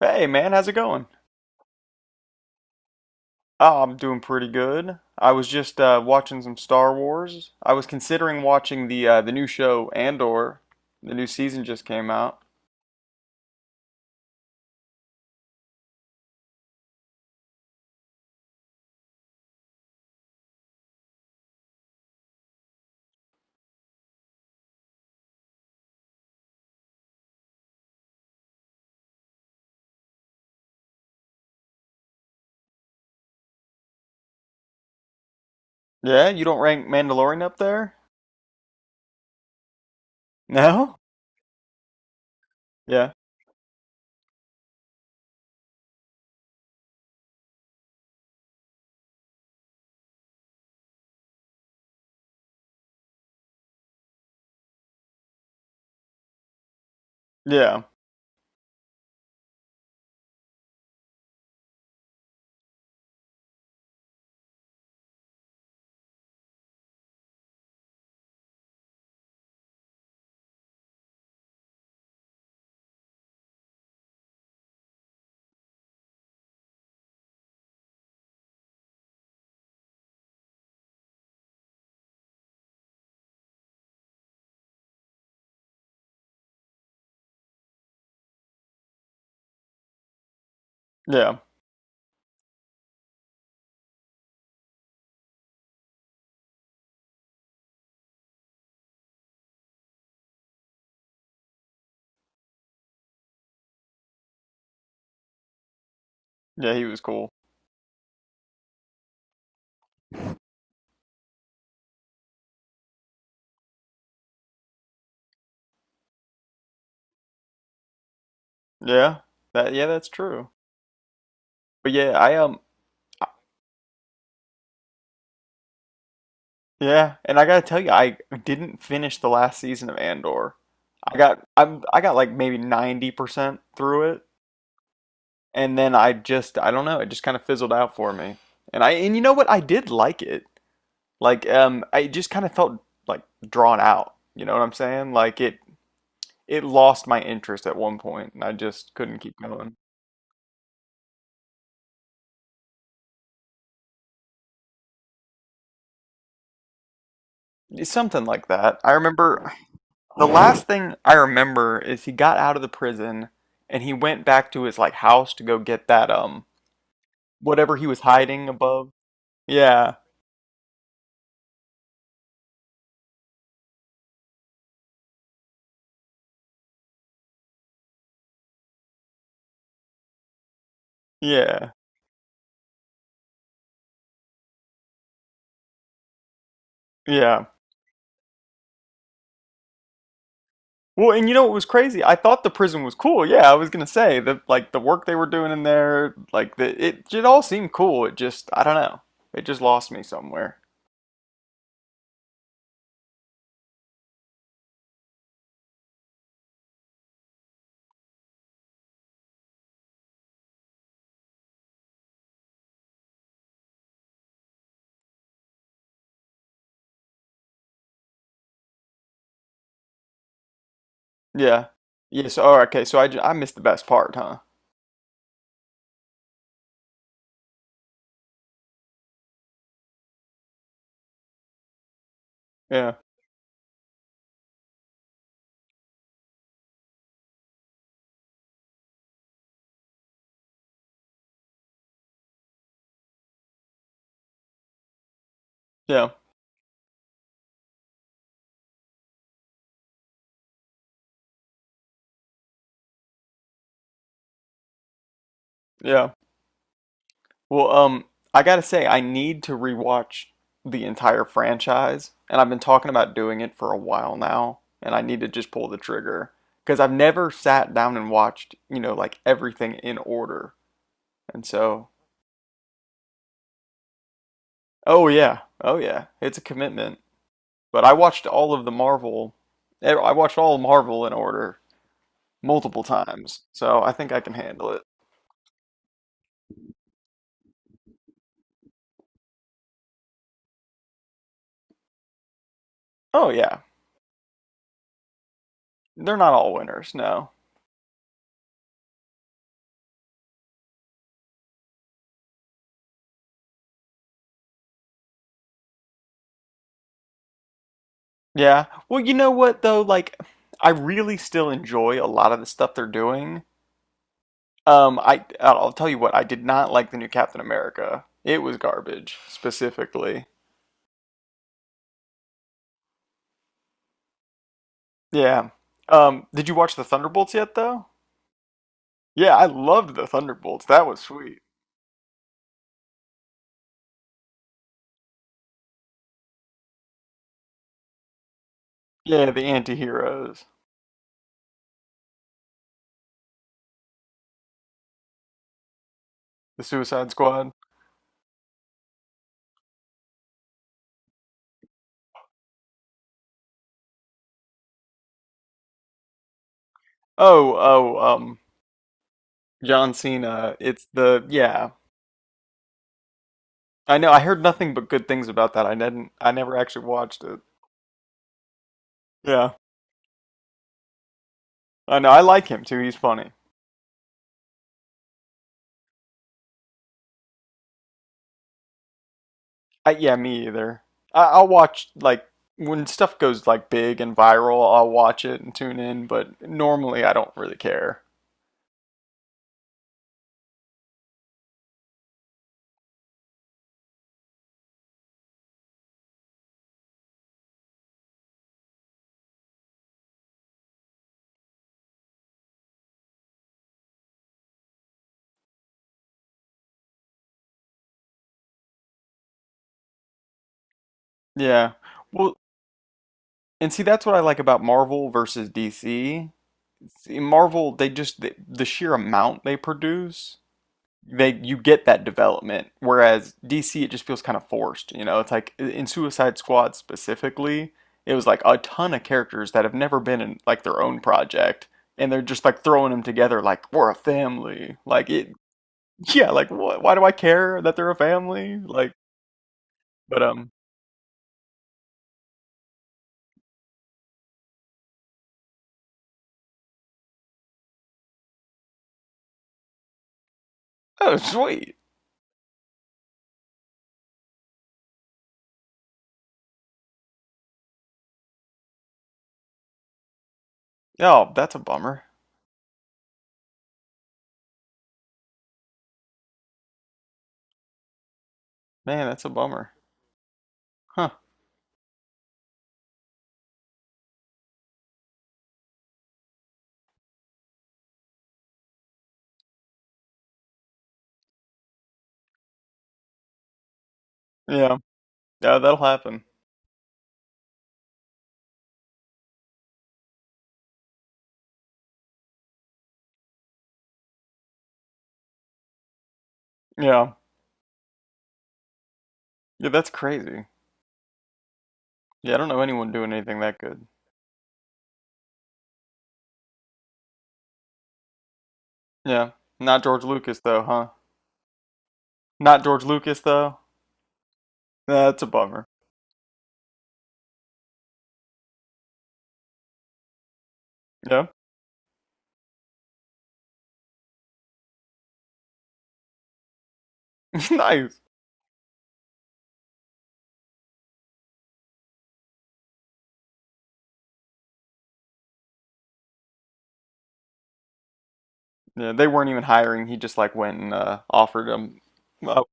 Hey man, how's it going? Oh, I'm doing pretty good. I was just watching some Star Wars. I was considering watching the new show Andor. The new season just came out. Yeah, you don't rank Mandalorian up there? No? Yeah. Yeah. Yeah. Yeah, he was cool. Yeah. That, yeah, that's true. But yeah, I yeah, and I gotta tell you, I didn't finish the last season of Andor. I got like maybe 90% through it, and then I just, I don't know, it just kind of fizzled out for me. And I, and you know what? I did like it. Like I just kind of felt like drawn out. You know what I'm saying? Like it lost my interest at one point and I just couldn't keep going. It's something like that. I remember the last thing I remember is he got out of the prison and he went back to his like house to go get that whatever he was hiding above. Yeah. Yeah. Yeah. Well, and you know what was crazy? I thought the prison was cool. Yeah, I was gonna say that, like the work they were doing in there, like it all seemed cool. It just, I don't know, it just lost me somewhere. Yeah. Yes. Oh, okay. So I missed the best part, huh? Yeah. Yeah. Yeah. Well, I gotta say, I need to rewatch the entire franchise, and I've been talking about doing it for a while now, and I need to just pull the trigger because I've never sat down and watched, you know, like everything in order, and so. Oh yeah. Oh yeah. It's a commitment. But I watched all of the I watched all of Marvel in order multiple times. So I think I can handle it. Oh yeah. They're not all winners, no. Yeah. Well, you know what though, like I really still enjoy a lot of the stuff they're doing. I'll tell you what, I did not like the new Captain America. It was garbage, specifically. Yeah. Did you watch the Thunderbolts yet though? Yeah, I loved the Thunderbolts. That was sweet. Yeah, the anti-heroes. The Suicide Squad. Oh, oh, um, John Cena. It's the, yeah. I know. I heard nothing but good things about that. I didn't. I never actually watched it. Yeah, I know. I like him too. He's funny. Yeah, me either. I'll watch like when stuff goes like big and viral. I'll watch it and tune in, but normally I don't really care. Yeah. Well, and see, that's what I like about Marvel versus DC. See, Marvel, they just the sheer amount they produce, they you get that development. Whereas DC, it just feels kind of forced. You know, it's like in Suicide Squad specifically, it was like a ton of characters that have never been in like their own project, and they're just like throwing them together like we're a family. Like it, yeah. Like what? Why do I care that they're a family? Like, but oh sweet. Oh, that's a bummer, man. That's a bummer. Huh? Yeah. Yeah, that'll happen. Yeah. Yeah, that's crazy. Yeah, I don't know anyone doing anything that good. Yeah. Not George Lucas though, huh? Not George Lucas though. Nah, that's a bummer. Yeah. Nice. Yeah, they weren't even hiring. He just like went and offered them. Up.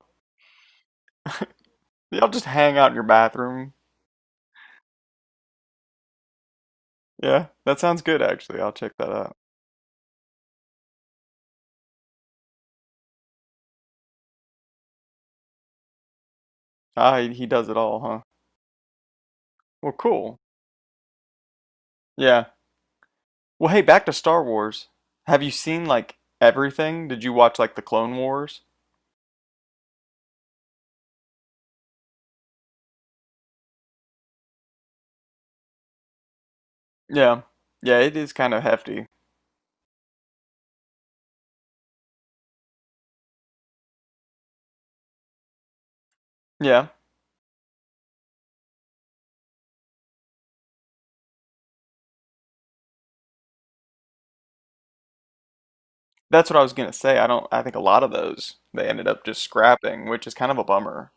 Yeah, I'll just hang out in your bathroom. Yeah, that sounds good actually. I'll check that out. Ah, he does it all, huh? Well, cool. Yeah. Well, hey, back to Star Wars. Have you seen like everything? Did you watch like the Clone Wars? Yeah. Yeah, it is kind of hefty. Yeah. That's what I was gonna say. I don't. I think a lot of those they ended up just scrapping, which is kind of a bummer.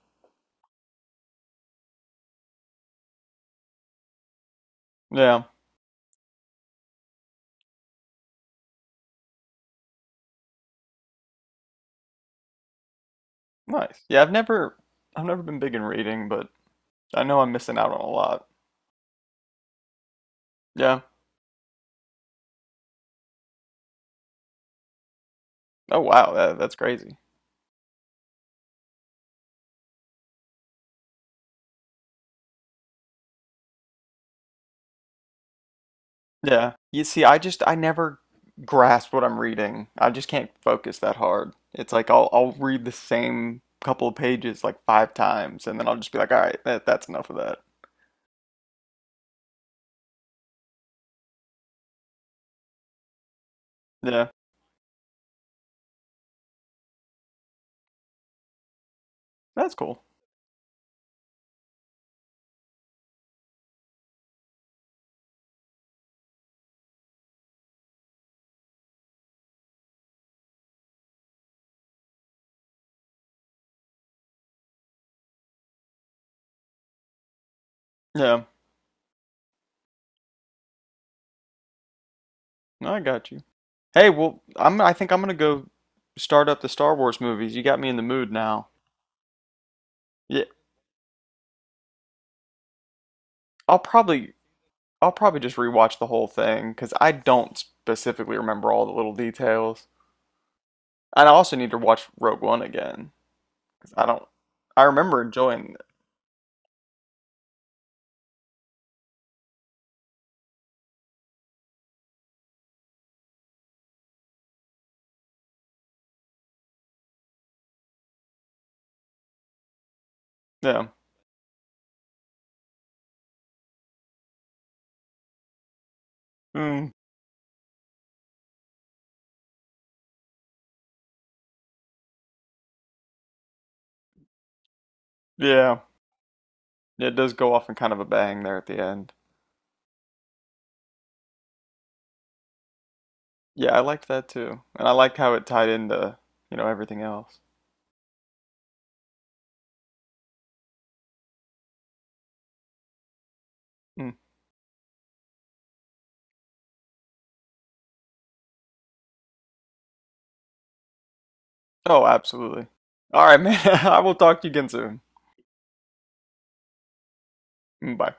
Yeah. Nice. Yeah, I've never been big in reading, but I know I'm missing out on a lot. Yeah. Oh wow, that's crazy. Yeah. You see, I just I never grasp what I'm reading. I just can't focus that hard. It's like I'll read the same couple of pages like five times and then I'll just be like, "All right, that's enough of that." Yeah. That's cool. Yeah. No, I got you. Hey, well, I think I'm gonna go start up the Star Wars movies. You got me in the mood now. Yeah. I'll probably I'll probably just rewatch the whole thing because I don't specifically remember all the little details. And I also need to watch Rogue One again because I don't. I remember enjoying. It. Yeah. Mm, yeah. It does go off in kind of a bang there at the end. Yeah, I liked that too, and I liked how it tied into you know everything else. Mm. Oh, absolutely. All right, man. I will talk to you again soon. Mm, bye.